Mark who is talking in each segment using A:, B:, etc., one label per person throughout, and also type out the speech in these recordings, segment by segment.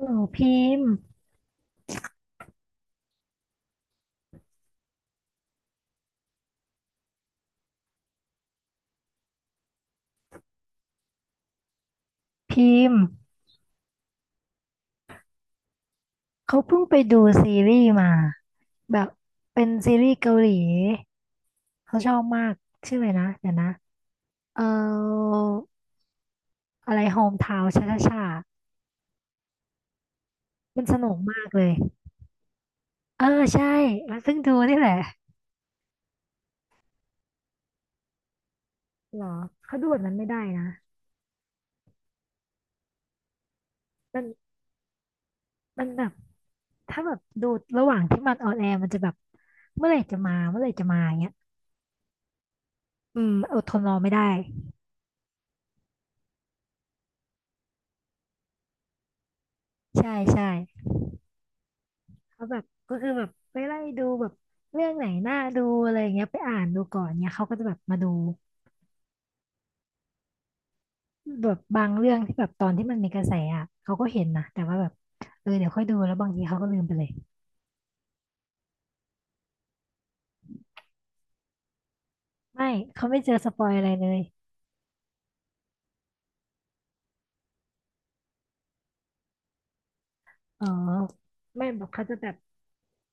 A: หนูพิมพ์พิมพ์เขาเพิ่งไปดูซีรีส์มาแบบเป็นซีรีส์เกาหลีเขาชอบมากชื่ออะไรนะเดี๋ยวนะเอ่ออะไรโฮมทาวน์ช่าช่าชามันสนุกมากเลยเออใช่มันเพิ่งดูนี่แหละเหรอเขาดูแบบนั้นไม่ได้นะมันมันแบบถ้าแบบดูระหว่างที่มันออนแอร์มันจะแบบเมื่อไหร่จะมาเมื่อไหร่จะมาอย่างเงี้ยอืมอดทนรอไม่ได้ใช่ใช่ เขาแบบก็คือแบบไปไล่ดูแบบเรื่องไหนน่าดูอะไรอย่างเงี้ยไปอ่านดูก่อนเนี่ยเขาก็จะแบบมาดูแบบบางเรื่องที่แบบตอนที่มันมีกระแสอ่ะเขาก็เห็นนะแต่ว่าแบบเออเดี๋ยวค่อยดูแล้วบางทีเขาก็ลืมไปเลยไม่เขาไม่เจอสปอยอะไรเลยอ๋อไม่แบอกเขาจะแบบ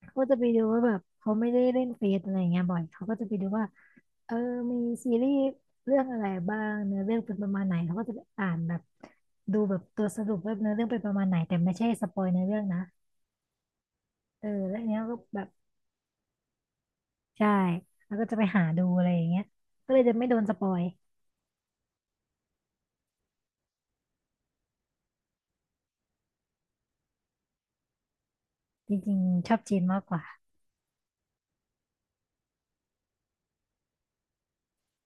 A: เขาก็จะไปดูว่าแบบเขาไม่ได้เล่นเฟซอะไรอย่างเงี้ยบ่อยเขาก็จะไปดูว่าเออมีซีรีส์เรื่องอะไรบ้างเนื้อเรื่องเป็นประมาณไหนเขาก็จะไปอ่านแบบดูแบบตัวสรุปว่าเนื้อเรื่องเป็นประมาณไหนแต่ไม่ใช่สปอยเนื้อเรื่องนะ เออแล้วอันเนี้ยก็แบบใช่แล้วก็จะไปหาดูอะไรอย่างเงี้ยก็เลยจะไม่โดนสปอยจริงๆชอบจีนมากกว่า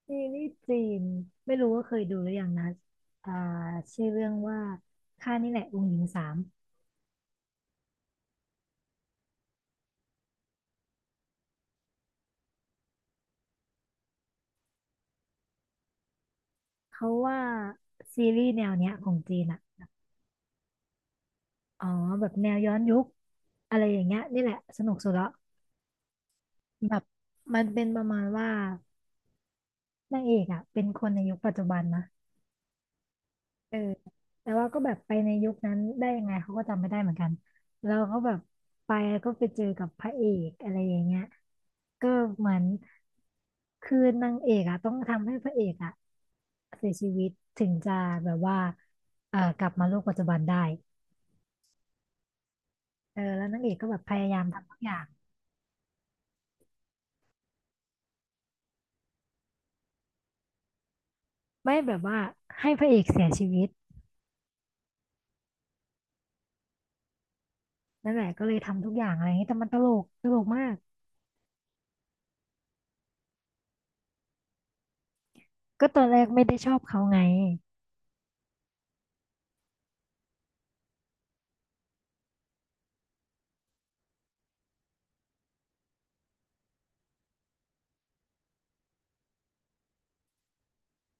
A: นี่นี่จีนไม่รู้ว่าเคยดูหรือยังนะอ่าชื่อเรื่องว่าข้านี่แหละองค์หญิงสามเขาว่าซีรีส์แนวเนี้ยของจีนอ่ะอ๋อแบบแนวย้อนยุคอะไรอย่างเงี้ยนี่แหละสนุกสุดละแบบมันเป็นประมาณว่านางเอกอ่ะเป็นคนในยุคปัจจุบันนะ เออแต่ว่าก็แบบไปในยุคนั้นได้ยังไงเขาก็จำไม่ได้เหมือนกันเราก็แบบไปแล้วก็ไปเจอกับพระเอกอะไรอย่างเงี้ยก็เหมือนคือนางเอกอะต้องทำให้พระเอกอะเสียชีวิตถึงจะแบบว่ากลับมาโลกปัจจุบันได้เออแล้วนางเอกก็แบบพยายามทำทุกอย่างไม่แบบว่าให้พระเอกเสียชีวิตนั่นแหละก็เลยทำทุกอย่างอะไรอย่างเงี้ยแต่มันตลกตลกมากก็ตอนแรกไม่ได้ชอบเขาไง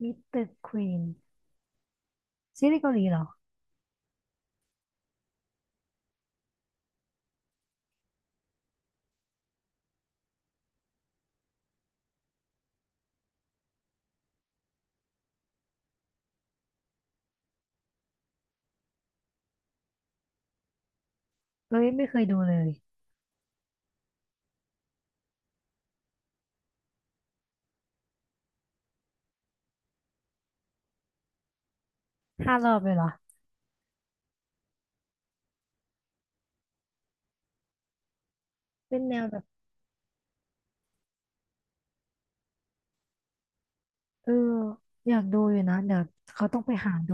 A: มิสเตอร์ควีนซีรีส์เกาหลีเหรอ เอ้ยไม่เคยดูเลยห้ารอบเลยเหรอเป็นแนวแบบเอออยากดูอยู่นะเดี๋ยวเขาต้องไปหาดู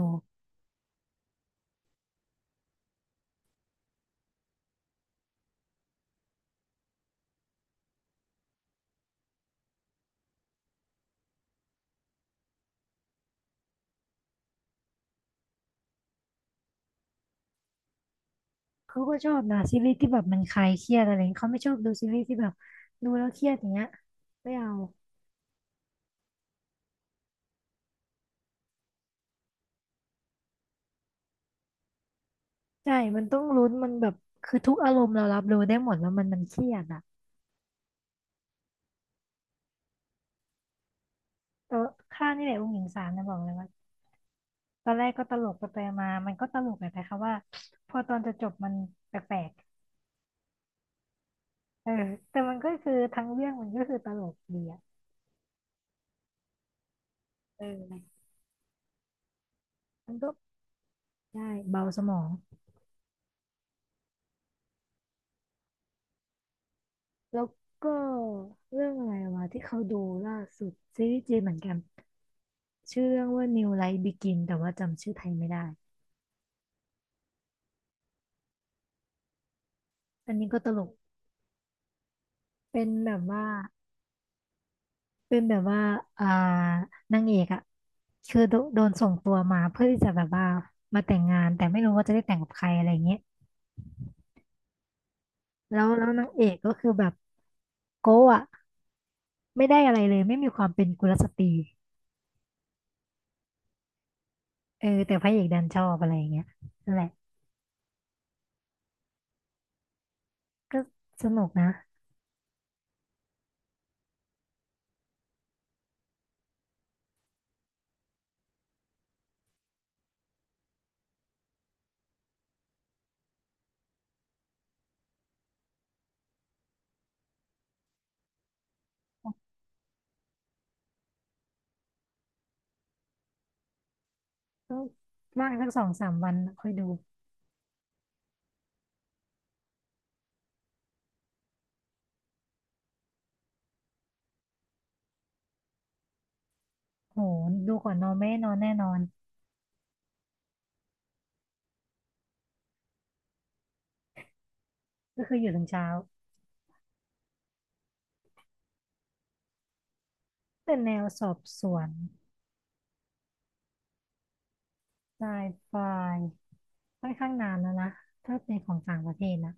A: เขาก็ชอบนะซีรีส์ที่แบบมันคลายเครียดอะไรอย่างเงี้ยเขาไม่ชอบดูซีรีส์ที่แบบดูแล้วเครียดอย่างเงี้ยไม่เอาใช่มันต้องลุ้นมันแบบคือทุกอารมณ์เรารับรู้ได้หมดแล้วมันเครียดอ่ะเออข้านี่แหละองค์หญิงสารนะบอกเลยว่าตอนแรกก็ตลกไปไปมามันก็ตลกแหละแต่ค่ะว่าพอตอนจะจบมันแปลกๆเออแต่มันก็คือทั้งเรื่องมันก็คือตลกดีอ่ะเออมันก็ ใช่เบาสมองแล้วก็เรื่องอะไรวะที่เขาดูล่าสุดซีรีส์จีนเหมือนกันชื่อเรื่องว่า New Life Begin แต่ว่าจำชื่อไทยไม่ได้อันนี้ก็ตลกเป็นแบบว่าเป็นแบบว่าอ่านางเอกอะคือโดนส่งตัวมาเพื่อที่จะแบบว่ามาแต่งงานแต่ไม่รู้ว่าจะได้แต่งกับใครอะไรเงี้ยแล้วนางเอกก็คือแบบโก้อะไม่ได้อะไรเลยไม่มีความเป็นกุลสตรีเออแต่พระเอกดันชอบอะไรอย่างเงี้ยนั่นแหละก็สนุกนะ ก็บางสักสองสามวันค่อยดูโหดูก่อนนอนไม่ได้นอนแน่นอนก็คืออยู่ถึงเช้าเป็นแนวสอบสวนไซไฟค่อนข้างนานแล้วนะ ถ้าเป็นของต่างประเทศนะ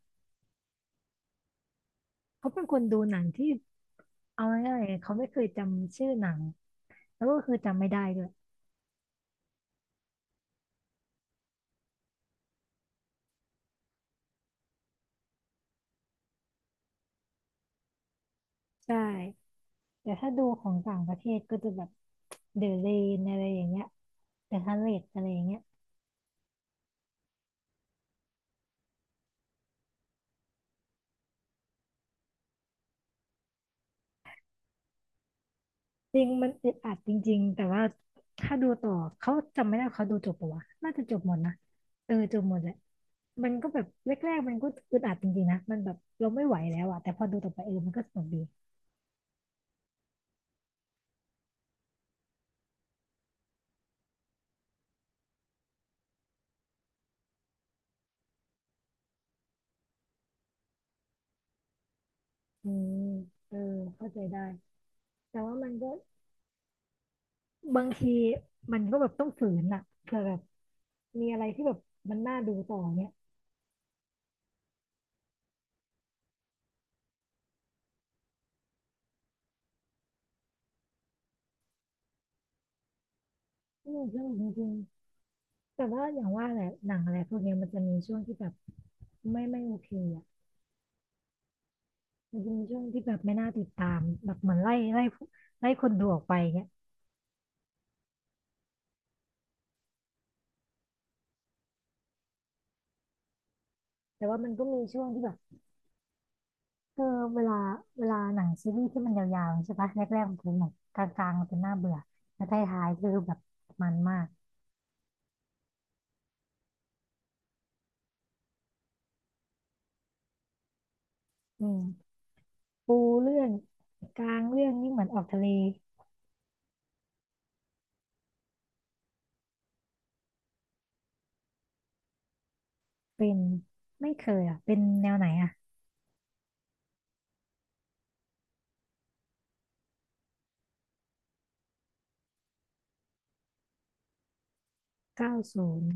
A: เขาเป็นคนดูหนังที่เอาง่ายๆเขาไม่เคยจำชื่อหนังแล้วก็คือจำไม่ได้ด้วยใช่แต่ถ้าดูของต่างประเทศก็จะแบบเดอะเรนอะไรอย่างเงี้ยเดอะฮัลเลตอะไรอย่างเงี้ย จริงมันอึดอัดจริงๆแต่ว่าถ้าดูต่อเขาจำไม่ได้ว่าเขาดูจบปะวะน่าจะจบหมดนะเออจบหมดแหละมันก็แบบแรกๆมันก็อึดอัดจริงๆนะมันแบบเราไม่ไหวแล้วอะแต่พอดูต่อไปเออมันก็สนุกดีอืมเออเข้าใจได้แต่ว่ามันก็บางทีมันก็แบบต้องฝืนอะเผื่อแบบมีอะไรที่แบบมันน่าดูต่อเนี่ยอืมสนุกจริงๆแต่ว่าอย่างว่าแหละหนังอะไรพวกเนี้ยมันจะมีช่วงที่แบบไม่ไม่โอเคอะ มันจะมีช่วงที่แบบไม่น่าติดตามแบบเหมือนไล่คนดูออกไปเงี้ยแต่ว่ามันก็มีช่วงที่แบบเออเวลาเวลาหนังซีรีส์ที่มันยาวๆใช่ปะแรกๆมันเป็นแบบกลางๆมันเป็นน่าเบื่อแล้วท้ายๆคือแบบมันมากอืมปูเรื่องกลางเรื่องนี่เหมือนออกทะเลเป็นไม่เคยอ่ะเป็นแนวไหนอ่ะเก้าศูนย์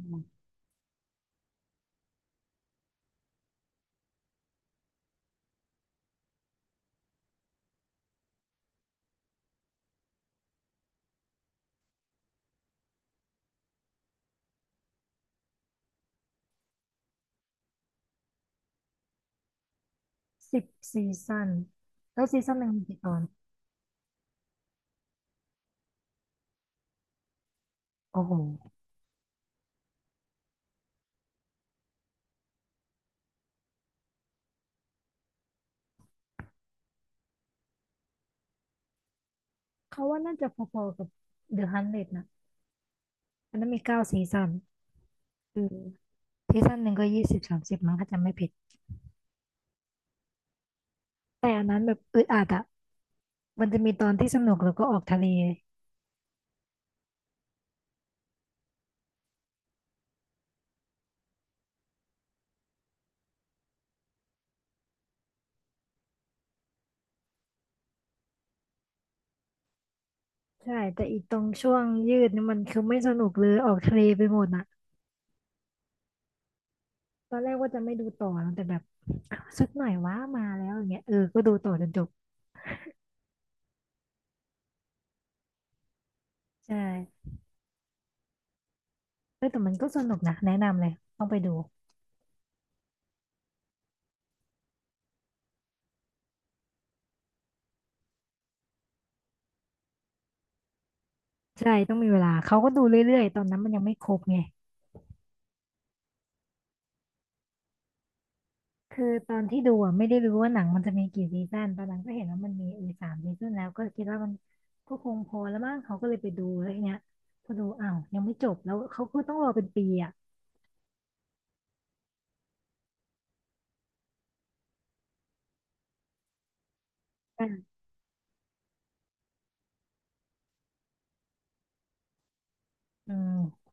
A: สิบซีซั่นแล้วซีซั่นหนึ่งมีกี่ตอนโอ้โหเขาว่าน่าจะพอๆกับเดอะฮันเดนะอันนั้นมีเก้าซีซั่นอืม ซีซั่นหนึ่งก็ยี่สิบสามสิบมั้งถ้าจำไม่ผิดแต่อันนั้นแบบอึดอัดอะมันจะมีตอนที่สนุกแล้วก็ออกทะเลใช่แต่อีตรงช่วงยืดนี่มันคือไม่สนุกเลยออกทะเลไปหมดอะตอนแรกว่าจะไม่ดูต่อนะแต่แบบสักหน่อยว่ามาแล้วอย่างเงี้ยเออก็ดูต่อจนจบใช่เอ้แต่มันก็สนุกนะแนะนำเลยต้องไปดูใช่ต้องมีเวลาเขาก็ดูเรื่อยๆตอนนั้นมันยังไม่ครบไง คือตอนที่ดูอ่ะไม่ได้รู้ว่าหนังมันจะมีกี่ซีซั่นตอนหลังก็เห็นว่ามันมีเออสามซีซั่นแล้วก็คิดว่ามันก็คงพอแล้วมั้งเขาก็เลยไปดูแล้วทีเนี้ยพอดูอ้าวยังไม่จบแล้วเขาก็ต้องรอเป็นปีอ่ะอ่ะอืมโห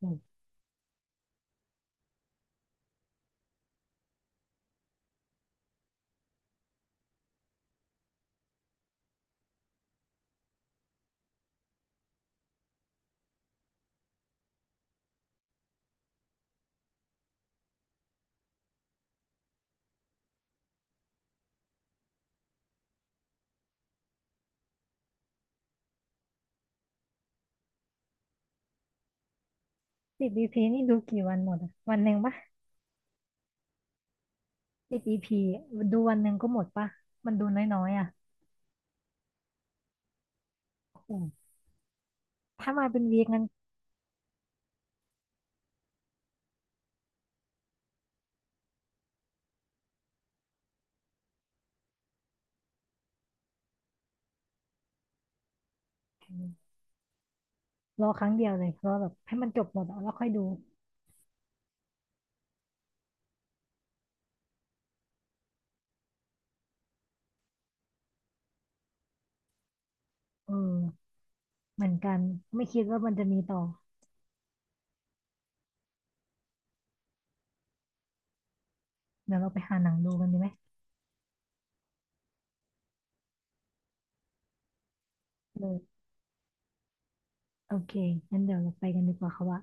A: 10 EP นี่ดูกี่วันหมดอะวันหนึ่งปะ10 EPดูวันหนึ่งก็หมดปะมันดูน้อยๆอ่ะอ้โหถ้ามาเป็นวีคงั้นรอครั้งเดียวเลยรอแบบให้มันจบหมดอะแล้วค่อยดูเออเหมือนกันไม่คิดว่ามันจะมีต่อเดี๋ยวเราไปหาหนังดูกันดีไหมเออ โอเคงั้นเดี๋ยวเราไปกันดีกว่าค่ะว่า